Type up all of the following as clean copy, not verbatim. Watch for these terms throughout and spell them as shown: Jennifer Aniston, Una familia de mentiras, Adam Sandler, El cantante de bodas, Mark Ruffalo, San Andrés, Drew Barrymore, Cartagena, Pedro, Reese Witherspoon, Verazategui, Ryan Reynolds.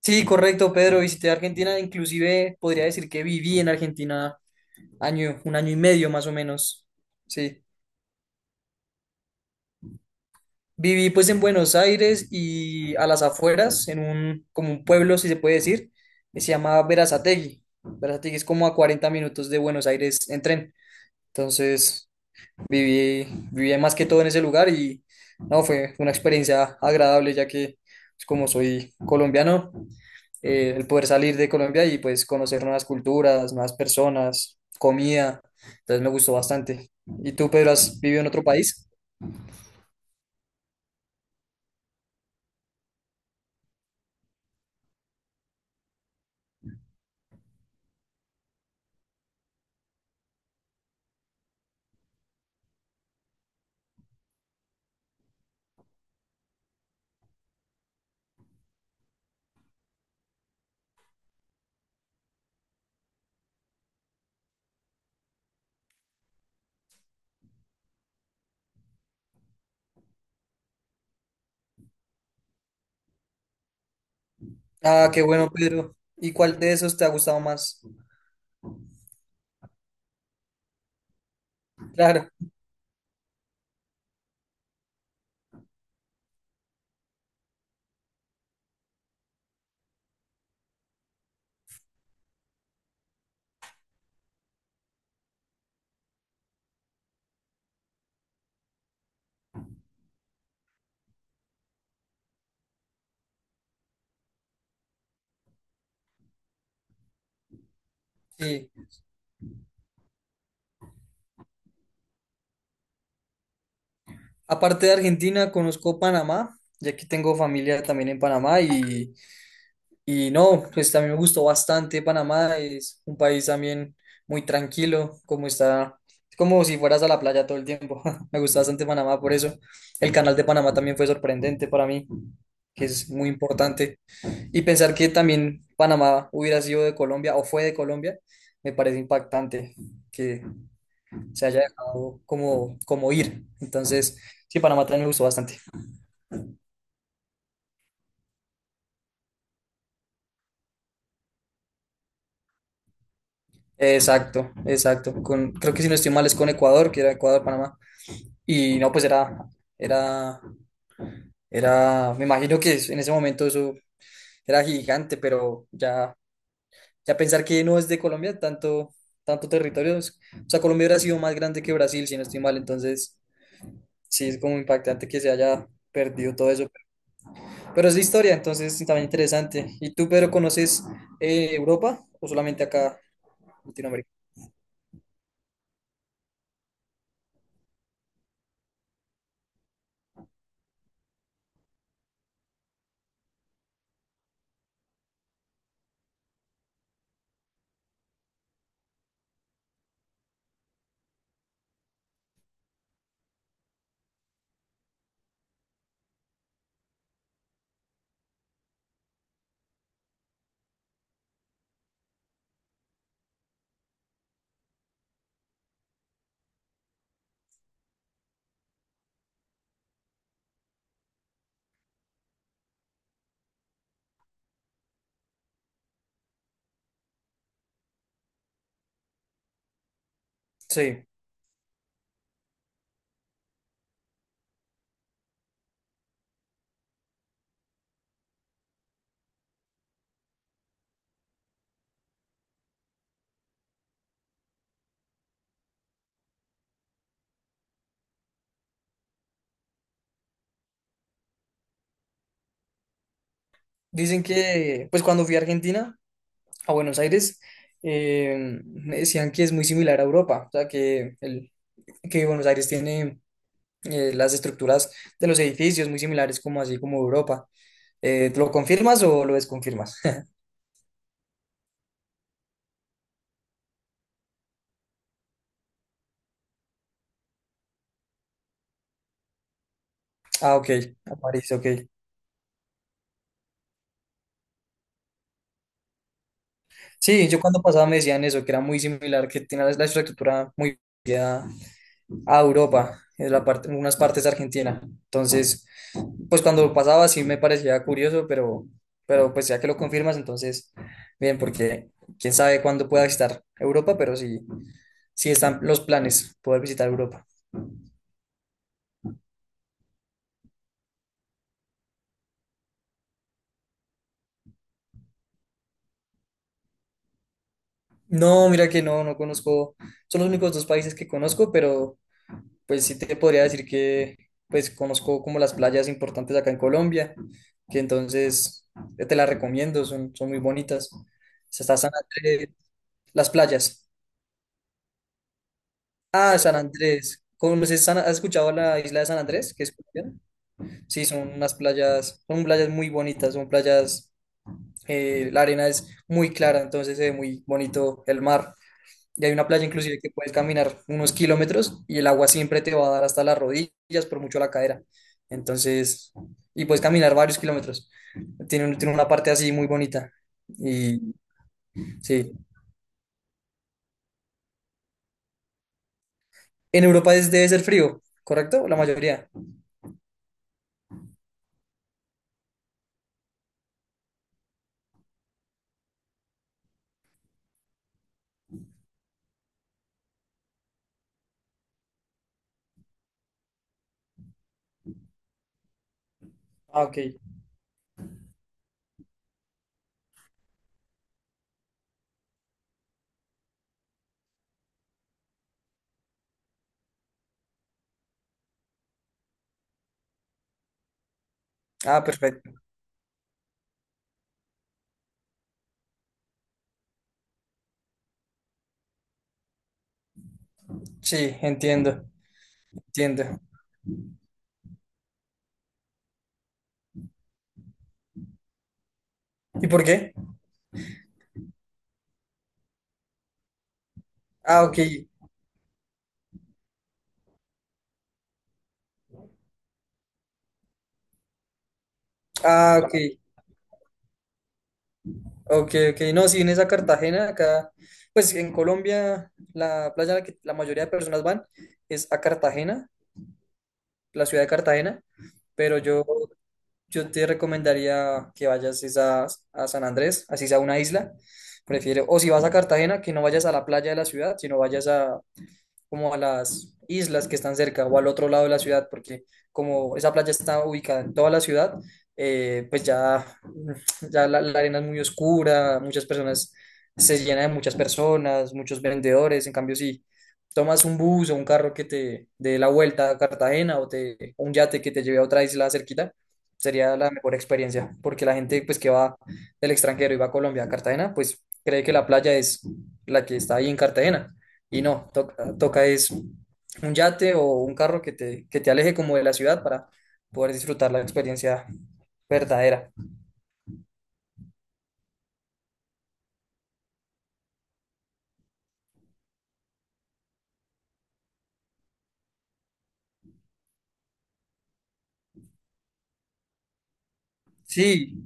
Sí, correcto, Pedro. Visité Argentina, inclusive podría decir que viví en Argentina un año y medio más o menos. Sí. Viví pues en Buenos Aires y a las afueras, como un pueblo, si se puede decir, que se llama Verazategui. Verazategui es como a 40 minutos de Buenos Aires en tren. Entonces, viví, viví más que todo en ese lugar y no, fue una experiencia agradable ya que pues, como soy colombiano, el poder salir de Colombia y pues conocer nuevas culturas, nuevas personas, comida. Entonces me gustó bastante. ¿Y tú, Pedro, has vivido en otro país? Ah, qué bueno, Pedro. ¿Y cuál de esos te ha gustado más? Claro. Y aparte de Argentina, conozco Panamá, y aquí tengo familia también en Panamá. Y no, pues también me gustó bastante Panamá, es un país también muy tranquilo, como está, es como si fueras a la playa todo el tiempo. Me gusta bastante Panamá por eso. El canal de Panamá también fue sorprendente para mí, que es muy importante. Y pensar que también Panamá hubiera sido de Colombia o fue de Colombia, me parece impactante que se haya dejado como, como ir. Entonces, sí, Panamá también me gustó bastante. Exacto, exacto. Creo que si no estoy mal es con Ecuador, que era Ecuador-Panamá. Y no, pues era, era, me imagino que en ese momento eso era gigante, pero ya pensar que no es de Colombia, tanto, tanto territorio, o sea, Colombia hubiera sido más grande que Brasil, si no estoy mal, entonces sí es como impactante que se haya perdido todo eso. Pero es de historia, entonces es también interesante. ¿Y tú, Pedro, conoces Europa o solamente acá, Latinoamérica? Sí, dicen que, pues cuando fui a Argentina, a Buenos Aires, me decían que es muy similar a Europa, o sea, que Buenos Aires tiene las estructuras de los edificios muy similares como así como Europa. ¿Lo confirmas o lo desconfirmas? Ah, ok, a París, ok. Sí, yo cuando pasaba me decían eso, que era muy similar, que tiene la estructura muy parecida a Europa, en la parte, en unas partes de Argentina. Entonces, pues cuando lo pasaba sí me parecía curioso, pero pues ya que lo confirmas, entonces, bien, porque quién sabe cuándo pueda visitar Europa, pero sí, sí están los planes poder visitar Europa. No, mira que no, son los únicos dos países que conozco, pero pues sí te podría decir que pues conozco como las playas importantes acá en Colombia, que entonces te las recomiendo, son muy bonitas. O sea, están entre las playas. Ah, San Andrés. ¿Has escuchado la isla de San Andrés, que es colombiana? Sí, son unas playas, son playas muy bonitas, son playas, la arena es muy clara, entonces se ve muy bonito el mar. Y hay una playa inclusive que puedes caminar unos kilómetros y el agua siempre te va a dar hasta las rodillas, por mucho la cadera. Entonces, y puedes caminar varios kilómetros. Tiene una parte así muy bonita. Y sí, en Europa debe ser frío, ¿correcto? La mayoría. Ah, ok. Ah, perfecto. Sí, entiendo, entiendo. ¿Y por qué? Ah, ok, ah, ok, ok, ok. No, si vienes a Cartagena, acá, pues en Colombia, la playa a la que la mayoría de personas van es a Cartagena, la ciudad de Cartagena, pero yo te recomendaría que vayas es a San Andrés, así sea una isla. Prefiero, o si vas a Cartagena, que no vayas a la playa de la ciudad, sino vayas a como a las islas que están cerca o al otro lado de la ciudad, porque como esa playa está ubicada en toda la ciudad, pues ya, ya la arena es muy oscura, muchas personas, se llena de muchas personas, muchos vendedores, en cambio si tomas un bus o un carro que te dé la vuelta a Cartagena un yate que te lleve a otra isla cerquita, sería la mejor experiencia, porque la gente pues que va del extranjero y va a Colombia, a Cartagena, pues cree que la playa es la que está ahí en Cartagena y no, toca, toca es un yate o un carro que te aleje como de la ciudad para poder disfrutar la experiencia verdadera. Sí,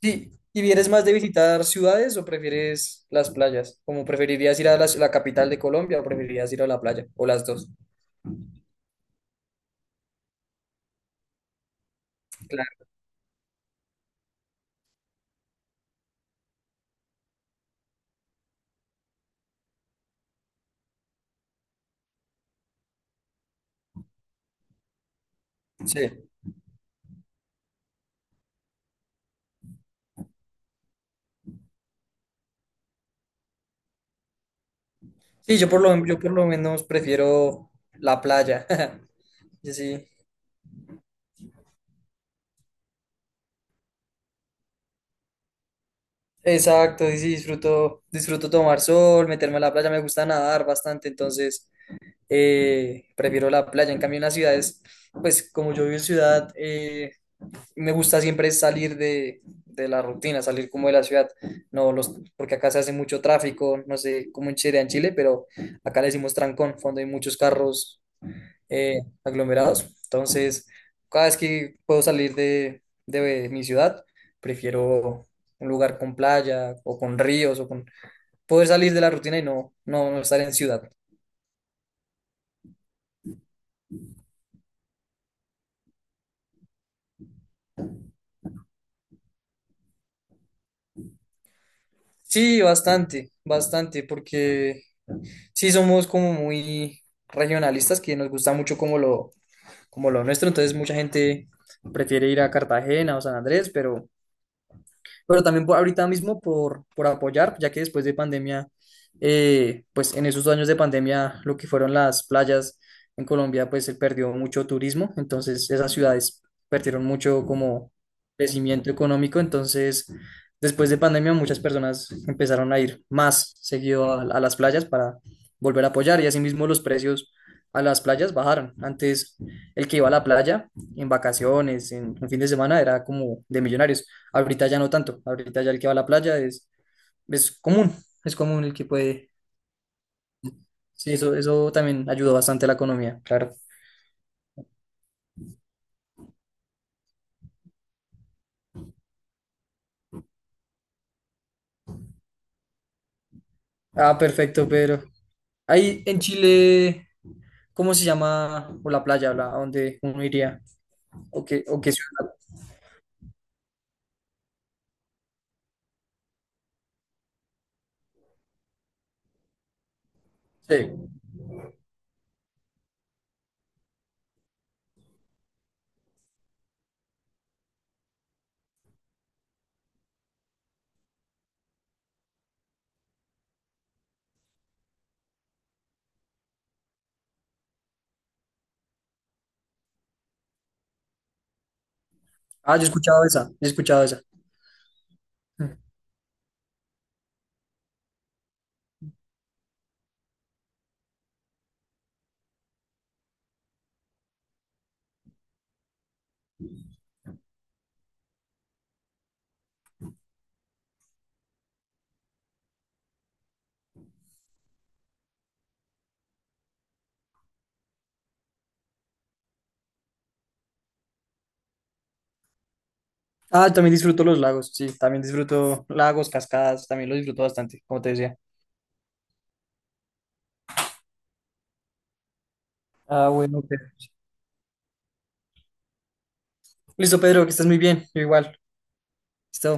sí. ¿Y vienes más de visitar ciudades o prefieres las playas? ¿Como preferirías ir a la, la capital de Colombia o preferirías ir a la playa? ¿O las dos? Claro, sí. Sí, yo por lo menos prefiero la playa. Yo sí. Exacto, sí, sí, disfruto tomar sol, meterme a la playa, me gusta nadar bastante, entonces prefiero la playa. En cambio, en las ciudades, pues como yo vivo en ciudad, me gusta siempre salir de la rutina, salir como de la ciudad. No los, porque acá se hace mucho tráfico, no sé cómo en Chile, pero acá le decimos trancón, cuando hay muchos carros aglomerados. Entonces, cada vez que puedo salir de mi ciudad, prefiero un lugar con playa o con ríos o con poder salir de la rutina y no estar en ciudad. Sí, bastante, bastante, porque sí somos como muy regionalistas, que nos gusta mucho como lo nuestro, entonces mucha gente prefiere ir a Cartagena o San Andrés, pero ahorita mismo por apoyar, ya que después de pandemia, pues en esos años de pandemia, lo que fueron las playas en Colombia, pues se perdió mucho turismo, entonces esas ciudades perdieron mucho como crecimiento económico, entonces después de pandemia muchas personas empezaron a ir más seguido a las playas para volver a apoyar y asimismo los precios a las playas bajaron. Antes el que iba a la playa en vacaciones, en un fin de semana, era como de millonarios. Ahorita ya no tanto, ahorita ya el que va a la playa es común, es común el que puede. Sí, eso también ayudó bastante a la economía, claro. Ah, perfecto, Pedro. Ahí en Chile, ¿cómo se llama? O la playa, ¿a dónde uno iría? ¿O qué ciudad? Sí. Ah, yo he escuchado esa, yo he escuchado esa. Ah, también disfruto los lagos, sí, también disfruto lagos, cascadas, también lo disfruto bastante, como te decía. Ah, bueno, Pedro. Listo, Pedro, que estés muy bien, yo igual. Listo.